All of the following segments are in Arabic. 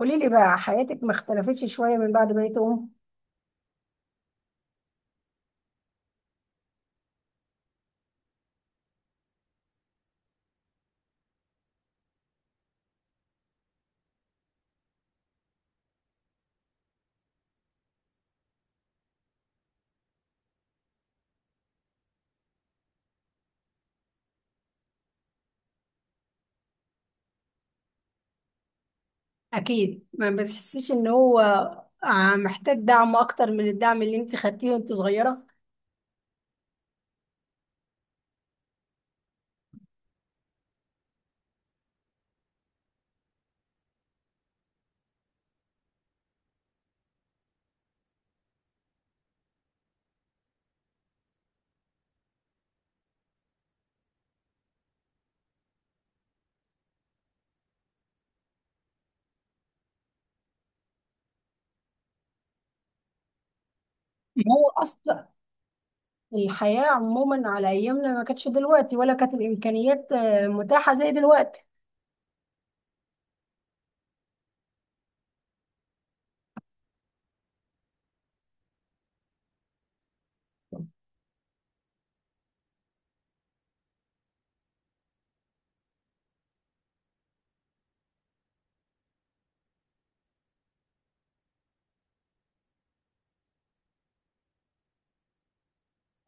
قولي لي بقى حياتك ما اختلفتش شوية من بعد ما بقيت أم؟ اكيد ما بتحسيش ان هو محتاج دعم اكتر من الدعم اللي انت خدتيه وانت صغيره. ما هو أصلا الحياة عموما على أيامنا ما كانتش دلوقتي ولا كانت الإمكانيات متاحة زي دلوقتي.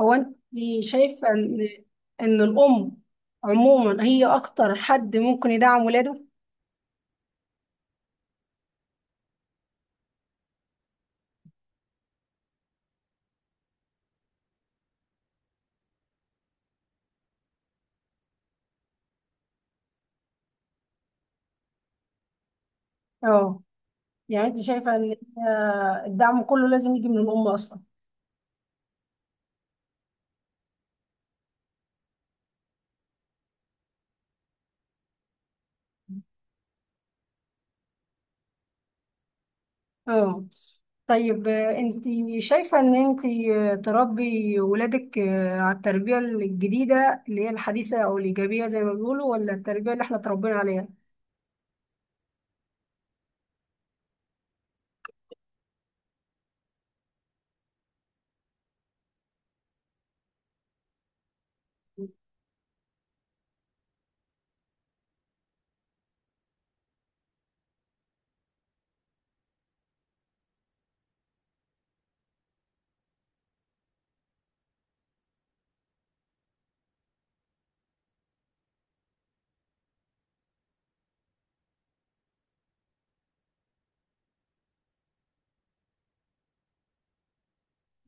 هو أنت شايفة إن الأم عموما هي أكتر حد ممكن يدعم ولاده؟ اه، يعني أنت شايفة إن الدعم كله لازم يجي من الأم أصلا. اه، طيب انت شايفة ان انت تربي ولادك على التربية الجديدة اللي هي الحديثة او الايجابية زي ما بيقولوا، ولا التربية اللي احنا اتربينا عليها.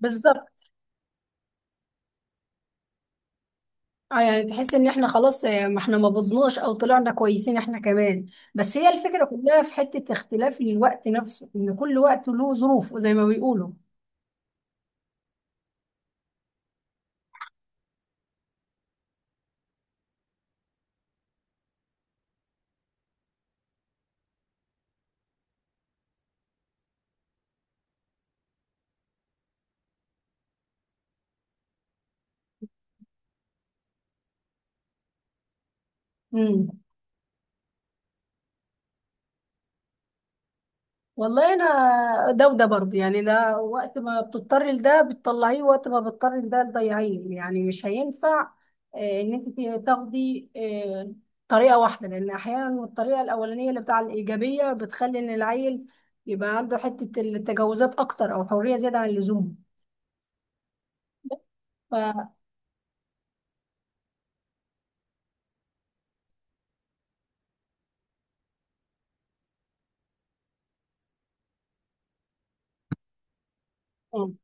بالظبط. اه، يعني تحس ان احنا خلاص، ما احنا ما بظناش او طلعنا كويسين احنا كمان، بس هي الفكرة كلها في حتة اختلاف الوقت نفسه ان كل وقت له ظروف زي ما بيقولوا. امم. والله انا ده وده برضه، يعني ده وقت ما بتضطري لده بتطلعيه، وقت ما بتضطري لده تضيعيه، يعني مش هينفع ان انت تاخدي طريقه واحده، لان احيانا الطريقه الاولانيه اللي بتاع الايجابيه بتخلي ان العيل يبقى عنده حته التجاوزات اكتر، او حريه زياده عن اللزوم. ف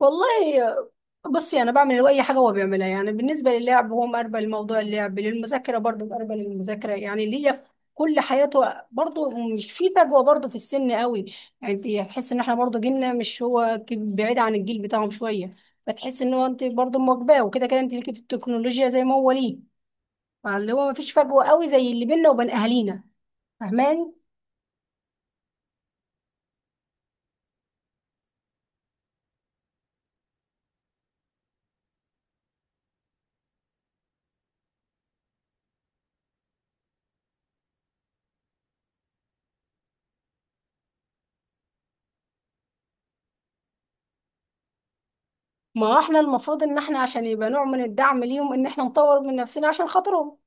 والله بصي، انا بعمل اي حاجه هو بيعملها، يعني بالنسبه للعب هو مقربل لموضوع اللعب، للمذاكره برضه مقربل للمذاكره، يعني ليا في كل حياته برضه، مش في فجوه برضه في السن قوي. يعني انت تحس ان احنا برضه جيلنا مش هو بعيد عن الجيل بتاعهم شويه، فتحس ان هو انت برضه مواكباه، وكده كده انت ليكي في التكنولوجيا زي ما هو ليه، فاللي هو مفيش فجوه قوي زي اللي بيننا وبين اهالينا. فاهماني؟ ما هو احنا المفروض ان احنا عشان يبقى نوع من الدعم ليهم، ان احنا نطور من نفسنا عشان خاطرهم.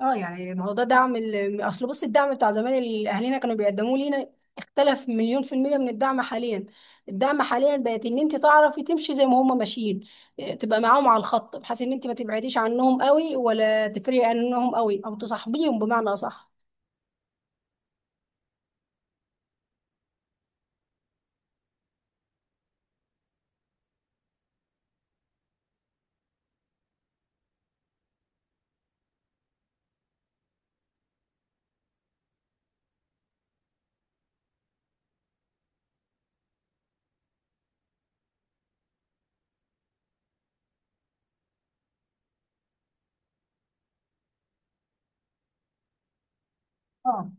اه، يعني ما هو ده دعم اصل بص، الدعم بتاع زمان اللي اهالينا كانوا بيقدموه لينا اختلف مليون % من الدعم حاليا. الدعم حاليا بقت ان انت تعرفي تمشي زي ما هم ماشيين، إيه، تبقى معاهم على الخط بحيث ان انت ما تبعديش عنهم قوي، ولا تفرقي عنهم قوي، او تصاحبيهم بمعنى اصح. اه،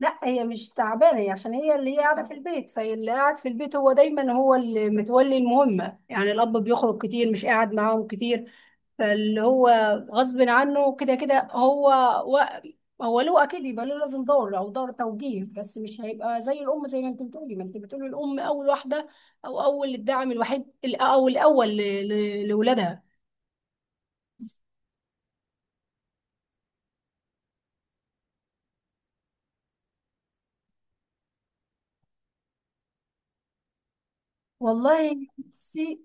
لا هي مش تعبانه، هي عشان هي اللي هي قاعده في البيت، فاللي قاعد في البيت هو دايما هو اللي متولي المهمه، يعني الاب بيخرج كتير مش قاعد معاهم كتير، فاللي هو غصب عنه كده كده هو و... هو له اكيد، يبقى له لازم دور او دور توجيه، بس مش هيبقى زي الام، زي ما انت بتقولي الام اول واحده، او اول الدعم الوحيد او الاول لاولادها. والله بصي،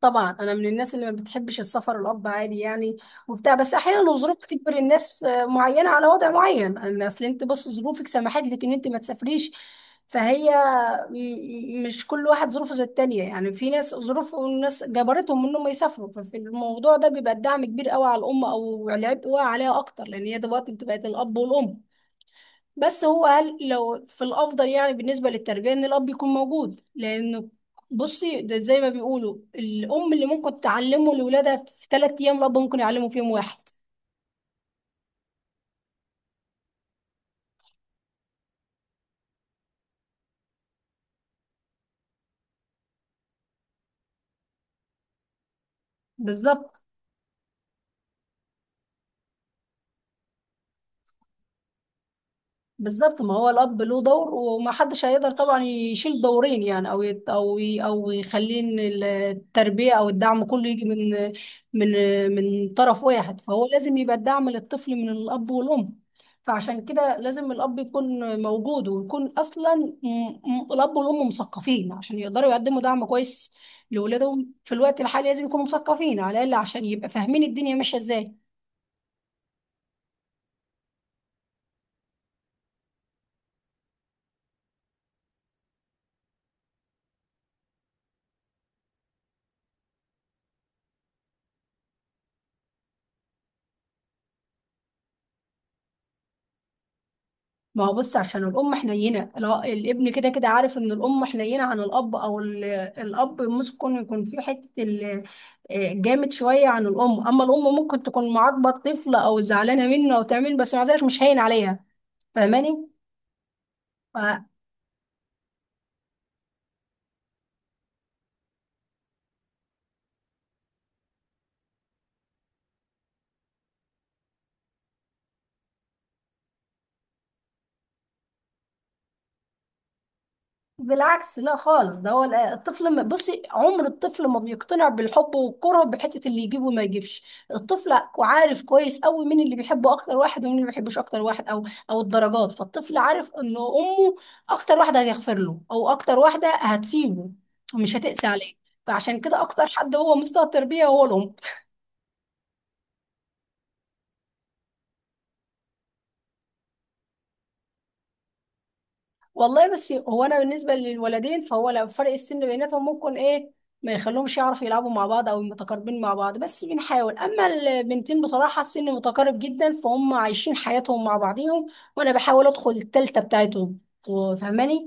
طبعا انا من الناس اللي ما بتحبش السفر، الاب عادي يعني وبتاع، بس احيانا الظروف بتجبر الناس معينه على وضع معين. أنا اصل انت بص ظروفك سمحت لك ان انت ما تسافريش، فهي م- مش كل واحد ظروفه زي التانية، يعني في ناس ظروف والناس جبرتهم انهم يسافروا، ففي الموضوع ده بيبقى الدعم كبير قوي على الام، او العبء واقع عليها اكتر لان هي دلوقتي بقت الاب والام، بس هو قال لو في الافضل يعني بالنسبه للتربيه ان الاب يكون موجود لانه. بصي ده زي ما بيقولوا، الام اللي ممكن تعلمه لاولادها في 3 ايام، الاب ممكن يعلمه في يوم واحد. بالظبط. بالظبط، ما هو الاب له دور وما حدش هيقدر طبعا يشيل دورين، يعني او يت او ي او يخلي إن التربيه او الدعم كله يجي من من من طرف واحد، فهو لازم يبقى الدعم للطفل من الاب والام، فعشان كده لازم الاب يكون موجود، ويكون اصلا م- الاب والام مثقفين عشان يقدروا يقدموا دعم كويس لاولادهم، في الوقت الحالي لازم يكونوا مثقفين على الاقل عشان يبقى فاهمين الدنيا ماشيه ازاي. ما هو بص، عشان الأم حنينة، لا الابن كده كده عارف إن الأم حنينة عن الأب، أو الأب ممكن يكون في حتة جامد شوية عن الأم، أما الأم ممكن تكون معاقبة الطفل أو زعلانة منه أو تعمل، بس مع ذلك مش هين عليها. فاهماني؟ بالعكس، لا خالص، ده هو الطفل بصي عمر الطفل ما بيقتنع بالحب والكره بحته اللي يجيبه وما يجيبش، الطفل عارف كويس قوي مين اللي بيحبه اكتر واحد، ومين اللي ما بيحبوش اكتر واحد، او الدرجات، فالطفل عارف انه امه اكتر واحده هتغفر له، او اكتر واحده هتسيبه ومش هتقسى عليه، فعشان كده اكتر حد هو مستوى التربيه هو الام. والله بس هو انا بالنسبه للولدين فهو لو فرق السن بيناتهم ممكن ايه ما يخليهمش يعرفوا يلعبوا مع بعض او متقاربين مع بعض، بس بنحاول، اما البنتين بصراحه السن متقارب جدا فهم عايشين حياتهم مع بعضيهم، وانا بحاول ادخل التالتة بتاعتهم. فاهماني؟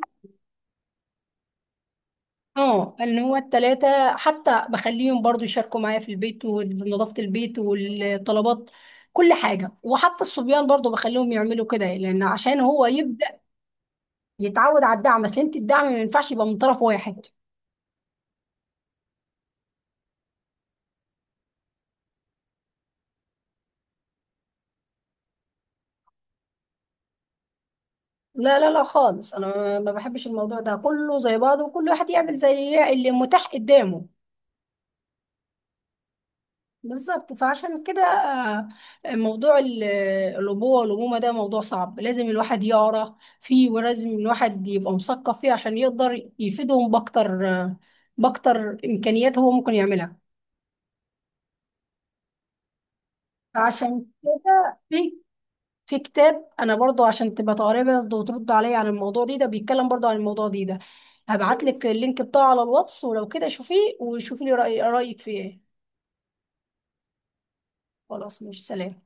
اه ان هو التلاتة حتى بخليهم برضو يشاركوا معايا في البيت ونظافه البيت والطلبات كل حاجه، وحتى الصبيان برضو بخليهم يعملوا كده، لان عشان هو يبدا يتعود على الدعم، بس انت الدعم ما ينفعش يبقى من طرف واحد. لا، لا، لا، خالص انا ما بحبش الموضوع ده، كله زي بعضه وكل واحد يعمل زي اللي متاح قدامه. بالظبط، فعشان كده موضوع الابوه والامومه ده موضوع صعب، لازم الواحد يقرا فيه ولازم الواحد يبقى مثقف فيه عشان يقدر يفيدهم باكتر باكتر امكانيات هو ممكن يعملها. عشان كده في كتاب انا برضو عشان تبقى تقريبا برضو وترد عليا عن الموضوع دي ده، بيتكلم برضو عن الموضوع دي ده، هبعت لك اللينك بتاعه على الواتس ولو كده شوفيه وشوفي لي رأيك فيه ايه. خلاص مش سلام.